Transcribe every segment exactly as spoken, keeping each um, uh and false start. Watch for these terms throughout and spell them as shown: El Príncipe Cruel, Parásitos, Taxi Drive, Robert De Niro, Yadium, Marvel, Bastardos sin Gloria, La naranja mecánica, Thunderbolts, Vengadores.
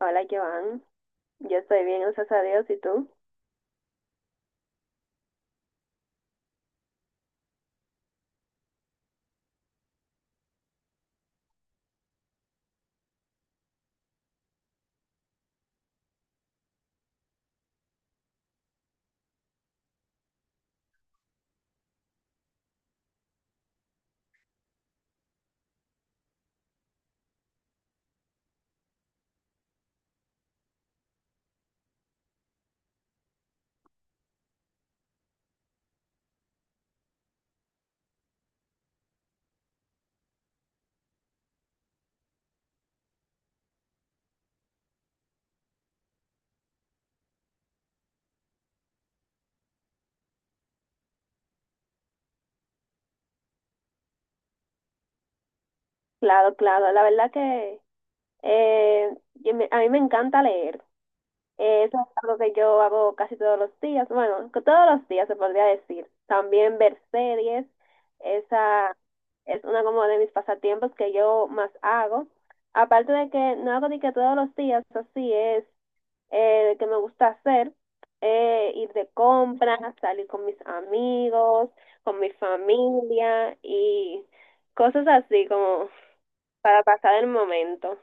Hola, Joan. Yo estoy bien, gracias a Dios. ¿Y tú? Claro, claro. La verdad que eh, yo me- a mí me encanta leer. Eh, eso es algo que yo hago casi todos los días. Bueno, que todos los días se podría decir. También ver series. Esa es una como de mis pasatiempos que yo más hago. Aparte de que no hago ni que todos los días, así es. Eh, que me gusta hacer, eh, ir de compras, salir con mis amigos, con mi familia y cosas así como para pasar el momento.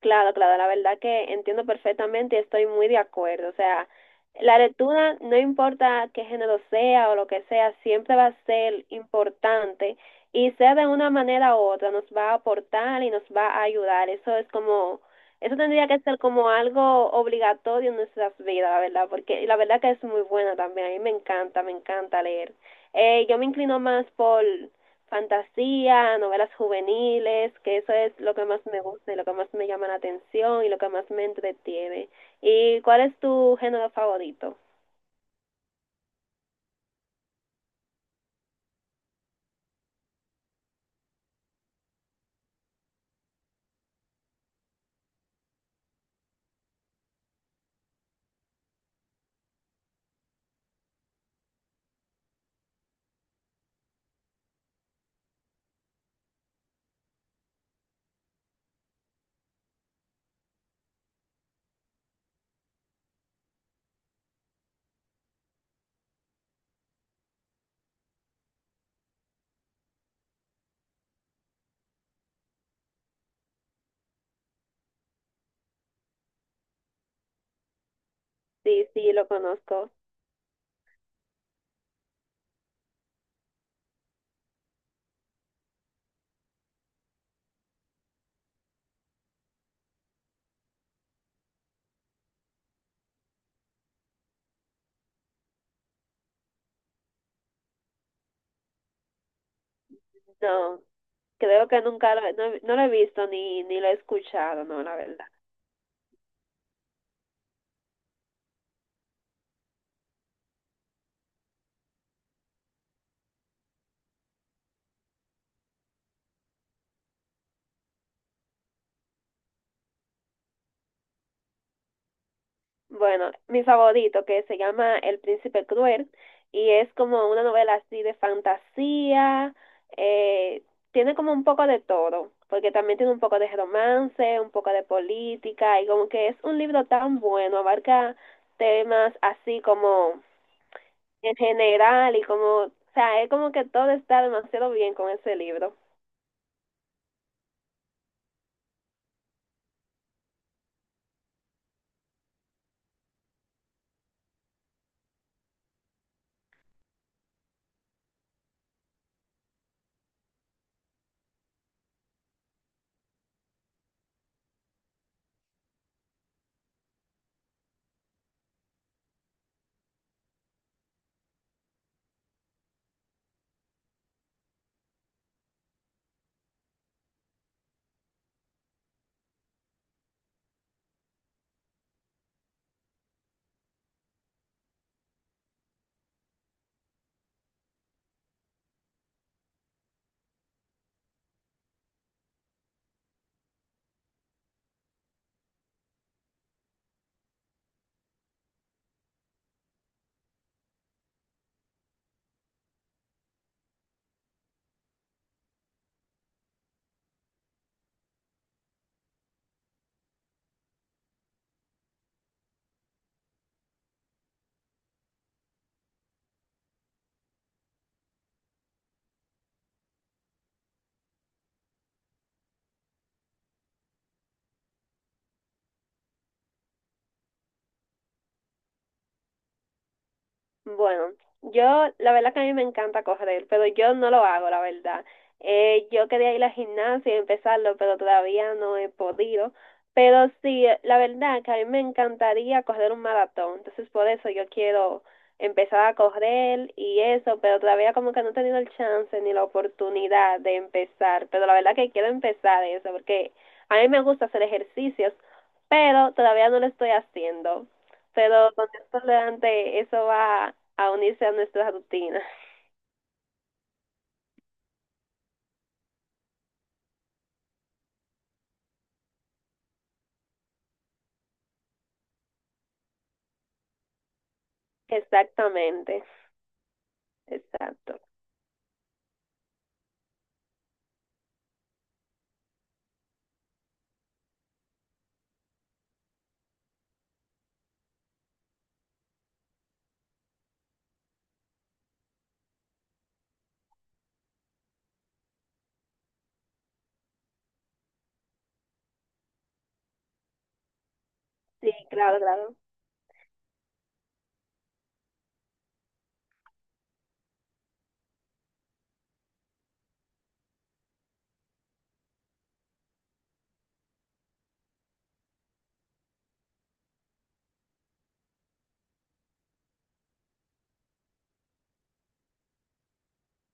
Claro, claro, la verdad que entiendo perfectamente y estoy muy de acuerdo. O sea, la lectura, no importa qué género sea o lo que sea, siempre va a ser importante y sea de una manera u otra, nos va a aportar y nos va a ayudar. Eso es como, eso tendría que ser como algo obligatorio en nuestras vidas, la verdad, porque y la verdad que es muy buena también. A mí me encanta, me encanta leer. Eh, yo me inclino más por fantasía, novelas juveniles, que eso es lo que más me gusta y lo que más me llama la atención y lo que más me entretiene. ¿Y cuál es tu género favorito? Sí, sí, lo conozco. No, creo que nunca lo, no, no lo he visto ni, ni lo he escuchado, no, la verdad. Bueno, mi favorito, que se llama El Príncipe Cruel, y es como una novela así de fantasía, eh, tiene como un poco de todo, porque también tiene un poco de romance, un poco de política, y como que es un libro tan bueno, abarca temas así como en general, y como, o sea, es como que todo está demasiado bien con ese libro. Bueno, yo, la verdad que a mí me encanta correr, pero yo no lo hago, la verdad. Eh, yo quería ir a la gimnasia y empezarlo, pero todavía no he podido. Pero sí, la verdad que a mí me encantaría correr un maratón, entonces por eso yo quiero empezar a correr y eso, pero todavía como que no he tenido el chance ni la oportunidad de empezar, pero la verdad que quiero empezar eso, porque a mí me gusta hacer ejercicios, pero todavía no lo estoy haciendo. Pero con esto delante, eso va a unirse a nuestras rutinas. Exactamente, exacto. Sí, claro, claro.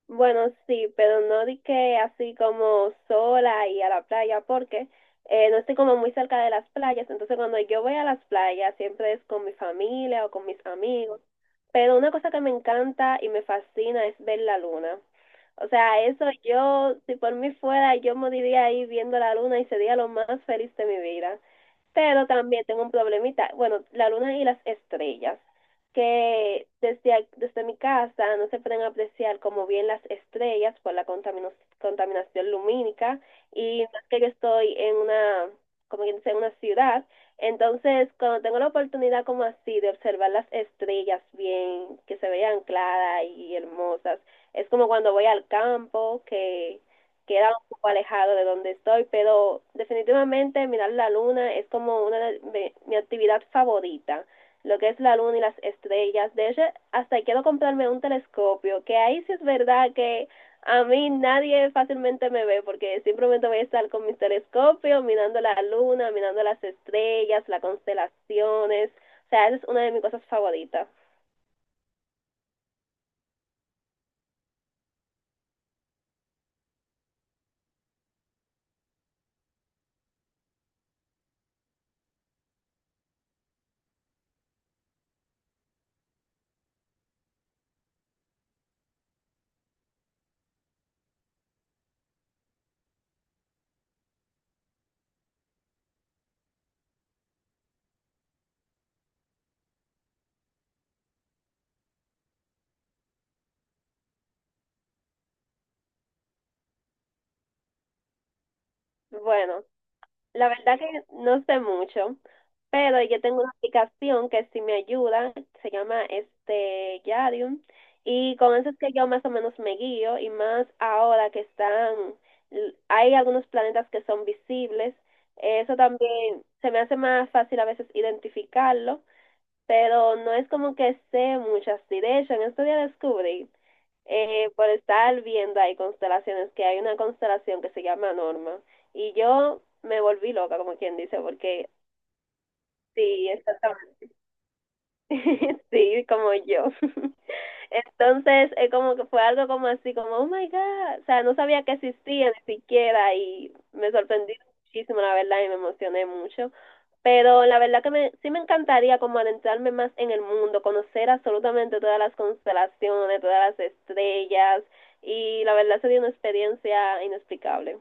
Bueno, sí, pero no di que así como sola y a la playa, porque eh, no estoy como muy cerca de las playas, entonces cuando yo voy a las playas siempre es con mi familia o con mis amigos, pero una cosa que me encanta y me fascina es ver la luna. O sea, eso yo, si por mí fuera, yo moriría ahí viendo la luna y sería lo más feliz de mi vida. Pero también tengo un problemita, bueno, la luna y las estrellas que desde, desde mi casa no se pueden apreciar como bien las estrellas por la contamino- contaminación lumínica y más que yo estoy en una, como quien dice, en una ciudad, entonces cuando tengo la oportunidad como así de observar las estrellas bien, que se vean claras y hermosas, es como cuando voy al campo, que queda un poco alejado de donde estoy, pero definitivamente mirar la luna es como una de de mi actividad favorita lo que es la luna y las estrellas. De hecho, hasta quiero comprarme un telescopio, que ahí sí es verdad que a mí nadie fácilmente me ve porque simplemente voy a estar con mis telescopios mirando la luna, mirando las estrellas, las constelaciones. O sea, esa es una de mis cosas favoritas. Bueno, la verdad que no sé mucho, pero yo tengo una aplicación que sí me ayuda, se llama este Yadium, y con eso es que yo más o menos me guío, y más ahora que están, l- hay algunos planetas que son visibles, eso también se me hace más fácil a veces identificarlo, pero no es como que sé muchas así, de hecho, en este día descubrí eh, por estar viendo ahí constelaciones, que hay una constelación que se llama Norma. Y yo me volví loca, como quien dice, porque sí, exactamente, sí, como yo. Entonces, eh, como que fue algo como así, como, oh my God, o sea, no sabía que existía ni siquiera y me sorprendí muchísimo, la verdad, y me emocioné mucho. Pero la verdad que me, sí me encantaría como adentrarme más en el mundo, conocer absolutamente todas las constelaciones, todas las estrellas, y la verdad sería una experiencia inexplicable.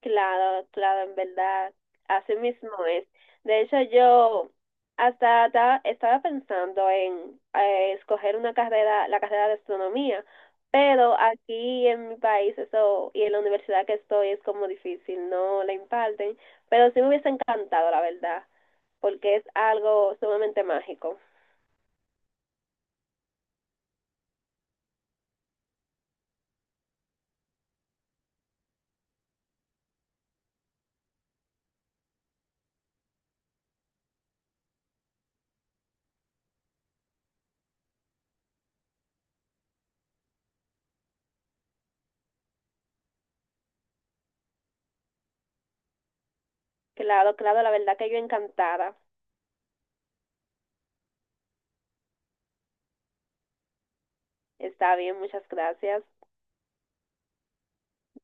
Claro, claro, en verdad, así mismo es. De hecho, yo hasta ta- estaba pensando en eh, escoger una carrera, la carrera de astronomía, pero aquí en mi país eso y en la universidad que estoy es como difícil, no la imparten, pero sí me hubiese encantado, la verdad, porque es algo sumamente mágico. Claro, claro, la verdad que yo encantada. Está bien, muchas gracias.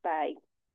Bye.